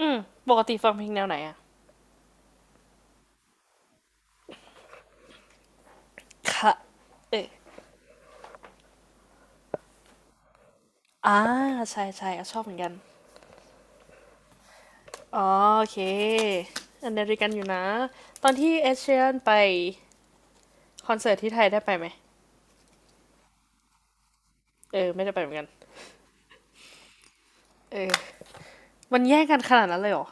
อืมปกติฟังเพลงแนวไหนอะค่ะเอออ่าใช่ใช่อ่ะชอบเหมือนกันอ๋อโอเคอันเดริกันอยู่นะตอนที่เอเชียนไปคอนเสิร์ตที่ไทยได้ไปไหมเออไม่ได้ไปเหมือนกันเออมันแย่งกันขนาดนั้นเลยเหรอ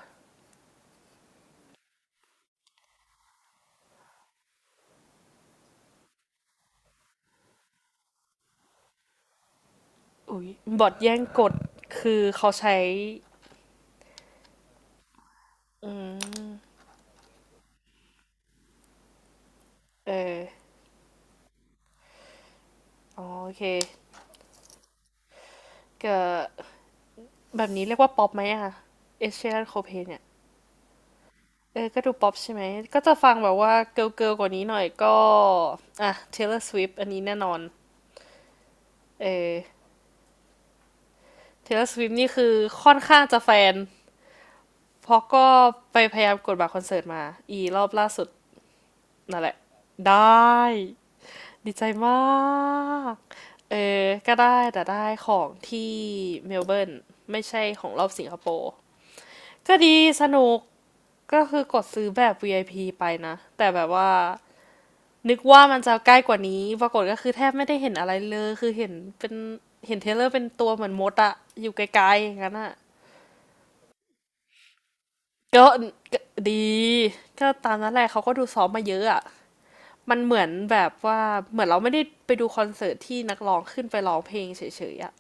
อุ้ยบอทแย่งกดคือเขาใช้อืมเอออ๋อโอเคก็แบบนี้เรียกว่าป๊อปไหมอะเอเชียนโคเพนเนี่ย เออก็ดูป๊อปใช่ไหมก็จะฟังแบบว่าเกิร์ลเกิร์ลกว่านี้หน่อยก็อ่ะ Taylor Swift อันนี้แน่นอนเออ Taylor Swift นี่คือค่อนข้างจะแฟนเพราะก็ไปพยายามกดบัตรคอนเสิร์ตมาอีรอบล่าสุดนั่นแหละได้ดีใจมากเออก็ได้แต่ได้ของที่เมลเบิร์นไม่ใช่ของรอบสิงคโปร์ก็ดีสนุกก็คือกดซื้อแบบ VIP ไอพีไปนะแต่แบบว่า นึกว่ามันจะใกล้กว่านี้ปรากฏก็คือแทบไม่ได้เห็นอะไรเลยคือเห็นเป็นเห็นเทรลเลอร์เป็นตัวเหมือนมดอะอยู่ไกลๆอย่างนั้นอะก็ก็ดีก็ตามนั้นแหละเขาก็ดูซ้อมมาเยอะอะ มันเหมือนแบบว่าเหมือนเราไม่ได้ไปดูคอนเสิร์ตที่นักร้องขึ้นไปร้องเพลงเฉยๆอะ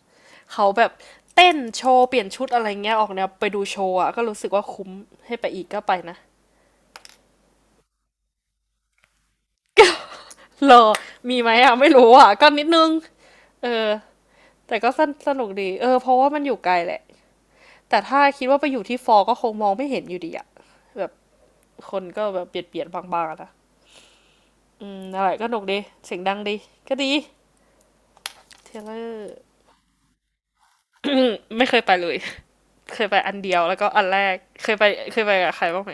เขาแบบเต้นโชว์เปลี่ยนชุดอะไรเงี้ยออกแนวไปดูโชว์อะก็รู้สึกว่าคุ้มให้ไปอีกก็ไปนะเหรอมีไหมอะไม่รู้อะก็นิดนึงเออแต่ก็สนุกดีเออเพราะว่ามันอยู่ไกลแหละ แต่ถ้าคิดว่าไปอยู่ที่ฟอก็คงมองไม่เห็นอยู่ดีอะแบบคนก็แบบเบียดบางๆนะอืมอะไรก็หนุกดีเสียงดังดีก็ดี เทเลอร์ไม่เคยไปเลยเคยไปอันเดียวแล้วก็อันแรก เคยไปเคยไปกับใครบ้างไหม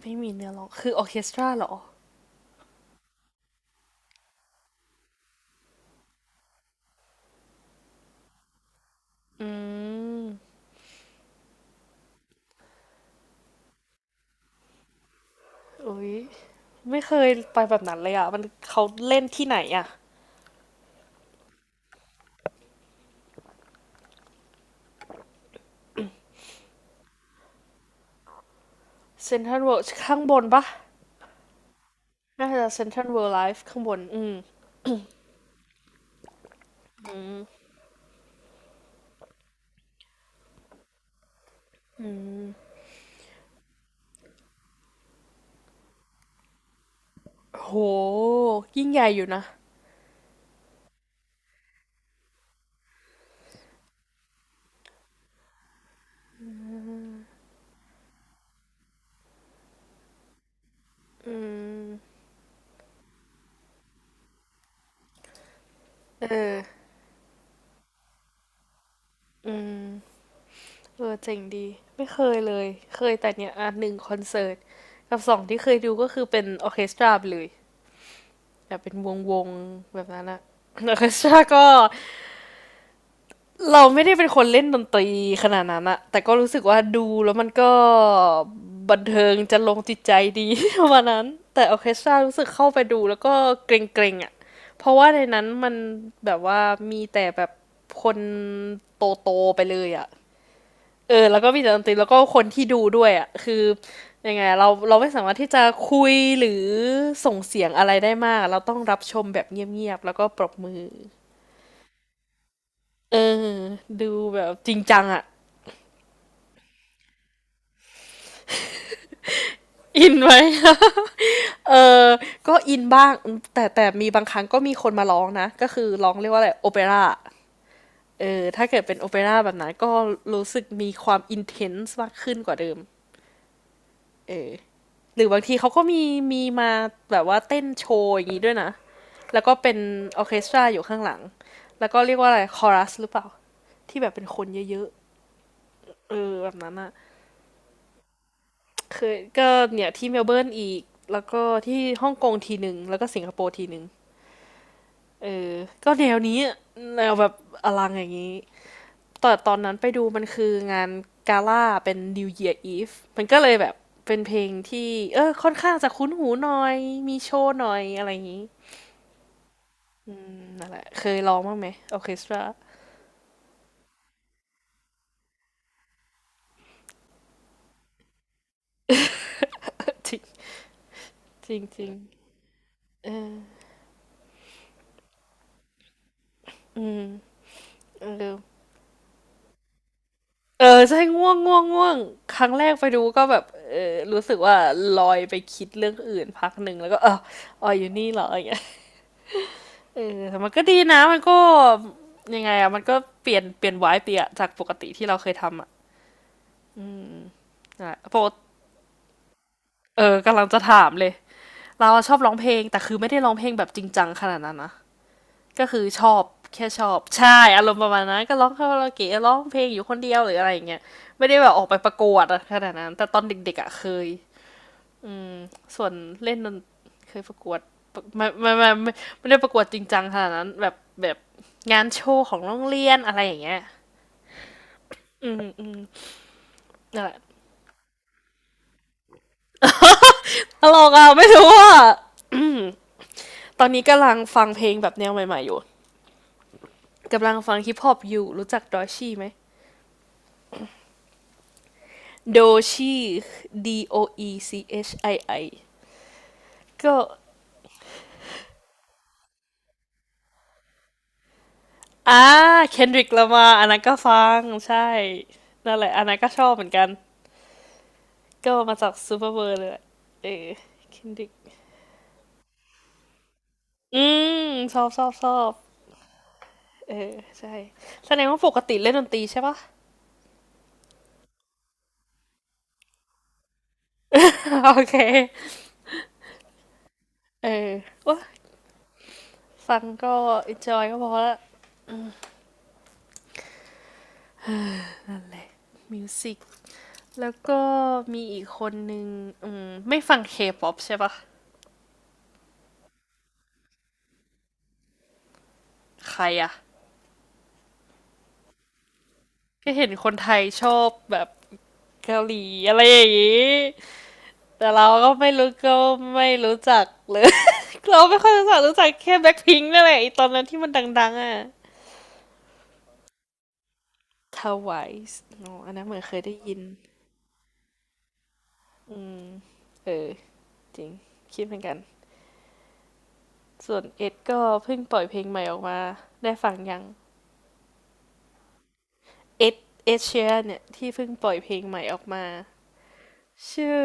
ไม่มีเนื้อร้องคือออร์เคสตราเหรอ อืมอุ้ย ไม่เคยไปแบบนั้นเลยอะมันเขาเล่นที่ไหนอะเซนทรัลเวิลด์ข้างบนปะน่าจะเซนทรัลเวิลด์ไลฟ์ข้างบนอืมโหยิ่งใหญ่อยู่นะอืมเอออืม เออเจ๋งดีไม่เคยเลยเคยแต่เนี่ยอ่ะหนึ่งคอนเสิร์ตกับสองที่เคยดูก็คือเป็นออร์เคสตราไปเลยแบบเป็นวงแบบนั้นอะ ออร์เคสตราก็เราไม่ได้เป็นคนเล่นดนตรีขนาดนั้นอะแต่ก็รู้สึกว่าดูแล้วมันก็บันเทิงจะลงจิตใจดี ประมาณนั้นแต่ออร์เคสตรารู้สึกเข้าไปดูแล้วก็เกรงๆอะเพราะว่าในนั้นมันแบบว่ามีแต่แบบคนโตๆไปเลยอะ เออแล้วก็มีแต่ดนตรีแล้วก็คนที่ดูด้วยอ่ะคือยังไงเราไม่สามารถที่จะคุยหรือส่งเสียงอะไรได้มากเราต้องรับชมแบบเงียบๆแล้วก็ปรบมือเออดูแบบจริงจังอ่ะอินไหม เออก็อินบ้างแต่มีบางครั้งก็มีคนมาร้องนะก็คือร้องเรียกว่าอะไรโอเปร่าเออถ้าเกิดเป็นโอเปร่าแบบนั้นก็รู้สึกมีความอินเทนส์มากขึ้นกว่าเดิมเออ หรือบางทีเขาก็มีมาแบบว่าเต้นโชว์อย่างนี้ด้วยนะแล้วก็เป็นออร์เคสตราอยู่ข้างหลัง แล้วก็เรียกว่าอะไรคอรัสหรือเปล่าที่แบบเป็นคนเยอะๆเออแบบนั้นอะเคยก็เนี่ยที่เมลเบิร์นอีกแล้วก็ที่ฮ่องกงทีหนึ่งแล้วก็สิงคโปร์ทีหนึ่งเออก็แนวนี้อะแนวแบบอลังอย่างนี้แต่ตอนนั้นไปดูมันคืองานกาล่าเป็น New Year Eve มันก็เลยแบบเป็นเพลงที่เออค่อนข้างจะคุ้นหูหน่อย มีโชว์หน่อยอะไรอย่างนี้ นั่นแหละเคยร้องบ้างไหมออเคสตราจริงจริงจริงอืมเออเออใช่ง่วงง่วงง่วงครั้งแรกไปดูก็แบบเออรู้สึกว่าลอยไปคิดเรื่องอื่นพักหนึ่งแล้วก็เอออ๋ออยู่นี่เหรออย่างเงี้ยเออแต่มันก็ดีนะมันก็ยังไงอะมันก็เปลี่ยนไวายเปลี่ยนจากปกติที่เราเคยทำอะนั่นแหละปกเออกำลังจะถามเลยเราชอบร้องเพลงแต่คือไม่ได้ร้องเพลงแบบจริงจังขนาดนั้นนะ ก็คือชอบแค่ชอบใช่อารมณ์ประมาณนั้นก็ร้องคาราโอเกะร้องเพลงอยู่คนเดียวหรืออะไรอย่างเงี้ยไม่ได้แบบออกไปประกวดอะขนาดนั้นแต่ตอนเด็กๆอะเคยส่วนเล่นดนเคยประกวดไม่ไม่ได้ประกวดจริงจังขนาดนั้นแบบงานโชว์ของโรงเรียนอะไรอย่างเงี้ยอืมอืมนั่นแหละตลกอ่ะไม่รู้อ่ะ ตอนนี้กำลังฟังเพลงแบบแนวใหม่ๆอยู่กำลังฟังฮิปฮอปอยู่รู้จักดอชี่ไหมโดชี่ D O E C H I I ก็อ่า Kendrick ล a m a อันนั้นก็ฟัง ใช่ นั่นแหละอันนั้นก็ชอบเหมือนกัน ก็มาจาก Superbird เปอร์เบอร์เลยแหละเออ Kendrick อืมชอบชอบชอบเออใช่ แสดงว่าปกติเล่นดนตรีใช่ปะ โอเค เออว้าฟังก็ enjoy ก็พอละนั่นแหละ music แล้วก็มีอีกคนนึงอืมไม่ฟัง K-pop ใช่ปะ ใครอะก็เห็นคนไทยชอบแบบเกาหลีอะไรอย่างงี้ แต่เราก็ไม่รู้ก็ไม่รู้จักเลย เราไม่ค่อยรู้จักแค่แบ็คพิงค์นั่นแหละไอตอนนั้นที่มันดังๆอ่ะ t w i c อ๋ออันนั้นเหมือนเคยได้ยินอืมเออจริงคิดเหมือนกันส่วนเอ็ดก็เพิ่งปล่อยเพลงใหม่ออกมาได้ฟังยังเอ็ดเอดเชียร์เนี่ยที่เพิ่งปล่อยเพลงใหม่ออกมาชื่อ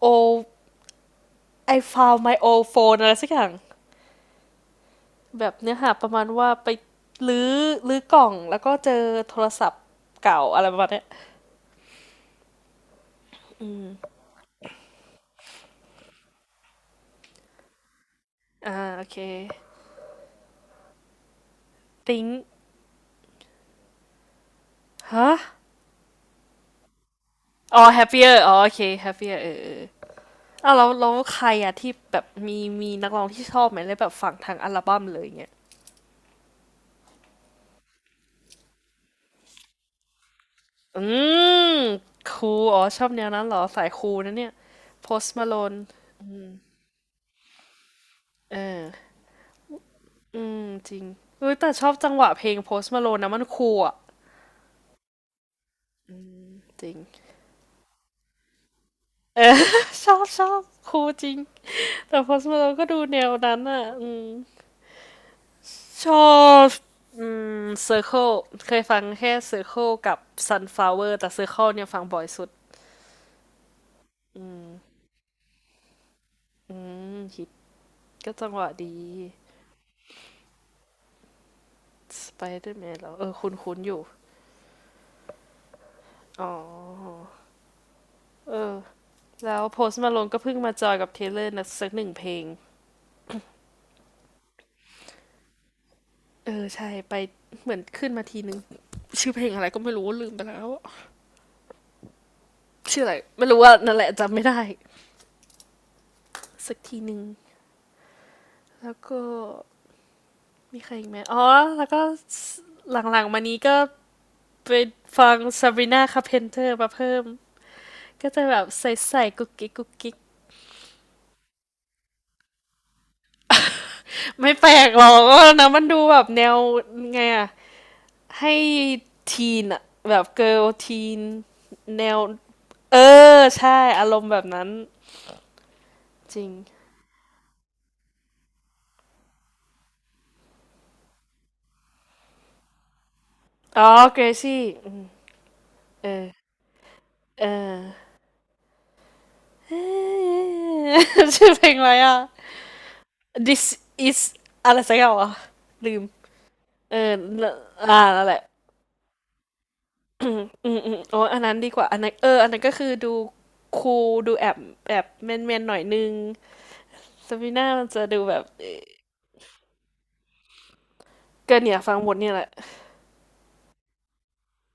O I found my old phone อลด์โฟนอะไรสักอย่าง แบบเนื้อหาประมาณว่าไปลื้อลื้อกล่องแล้วก็เจอโทรศัพท์เก่าอะไรประมาณเนี้ยอ่าโอเคติ้งฮะอ๋อ happier อ๋อโอเค happier เออเอออ้าวแล้วใครอะที่แบบมีนักร้องที่ชอบไหมเลยแบบฝั่งทางอัลบั้มเลยเงี้ยอืมคูลอ๋อชอบแนวนั้นเหรอสายคูลนะเนี่ย post malone เอออืมจริงเออแต่ชอบจังหวะเพลง post malone นะมันคูลอะจริง เออ ชอบชอบครูจริง แต่พอสมาเราก็ดูแนวนั้นอ่ะอืมชอบอืมเซอร์เคิลเคยฟังแค่เซอร์เคิลกับซันฟลาวเวอร์แต่เซอร์เคิลเนี่ยฟังบ่อยสุด อืมฮิตก็จังหวะดีสไปเดอร์แมนแล้วเออคุ้นคุ้นอยู่ อ๋อเออแล้วโพสต์มาลงก็เพิ่งมาจอยกับเทเลอร์นะสักหนึ่งเพลง เออใช่ไปเหมือนขึ้นมาทีนึงชื่อเพลงอะไรก็ไม่รู้ลืมไปแล้วชื่ออะไรไม่รู้ว่านั่นแหละจำไม่ได้สักทีหนึ่ง แล้วก็มีใครอีกไหม อ๋อ แล้วก็หลังๆมานี้ก็ไปฟัง Sabrina Carpenter มาเพิ่ม ก็จะแบบใส่ๆกุ๊กกิ๊กกุ๊กกิ๊กไม่แปลกหรอกนะมันดูแบบแนวไงอะให้ทีนอะแบบเกิร์ลทีนแนวเออใช่อารมณ์แบบนั้นจริง อ๋อเกรซี่อืมเออ เออ เอ่ชื่อเพลงอะไรอ่ะ This is อะไรสักอย่างวะลืม เออแล้วอ่านั่นแหละ อืมอืมอืมโอ้อันนั้นดีกว่าอันนั้นเอออันนั้นก็คือดูคูลดูแอบแอบแมนแมนหน่อยนึงซาบีน่ามันจะดูแบบก็เนี่ยฟังหมดเนี่ยแหละ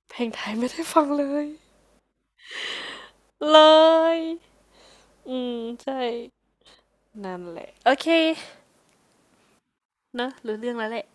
เพลงไทยไม่ได้ฟังเลยเลยอืมใช่นั่นแหละ โอเคเนอะรู้เรื่องแล้วแหละ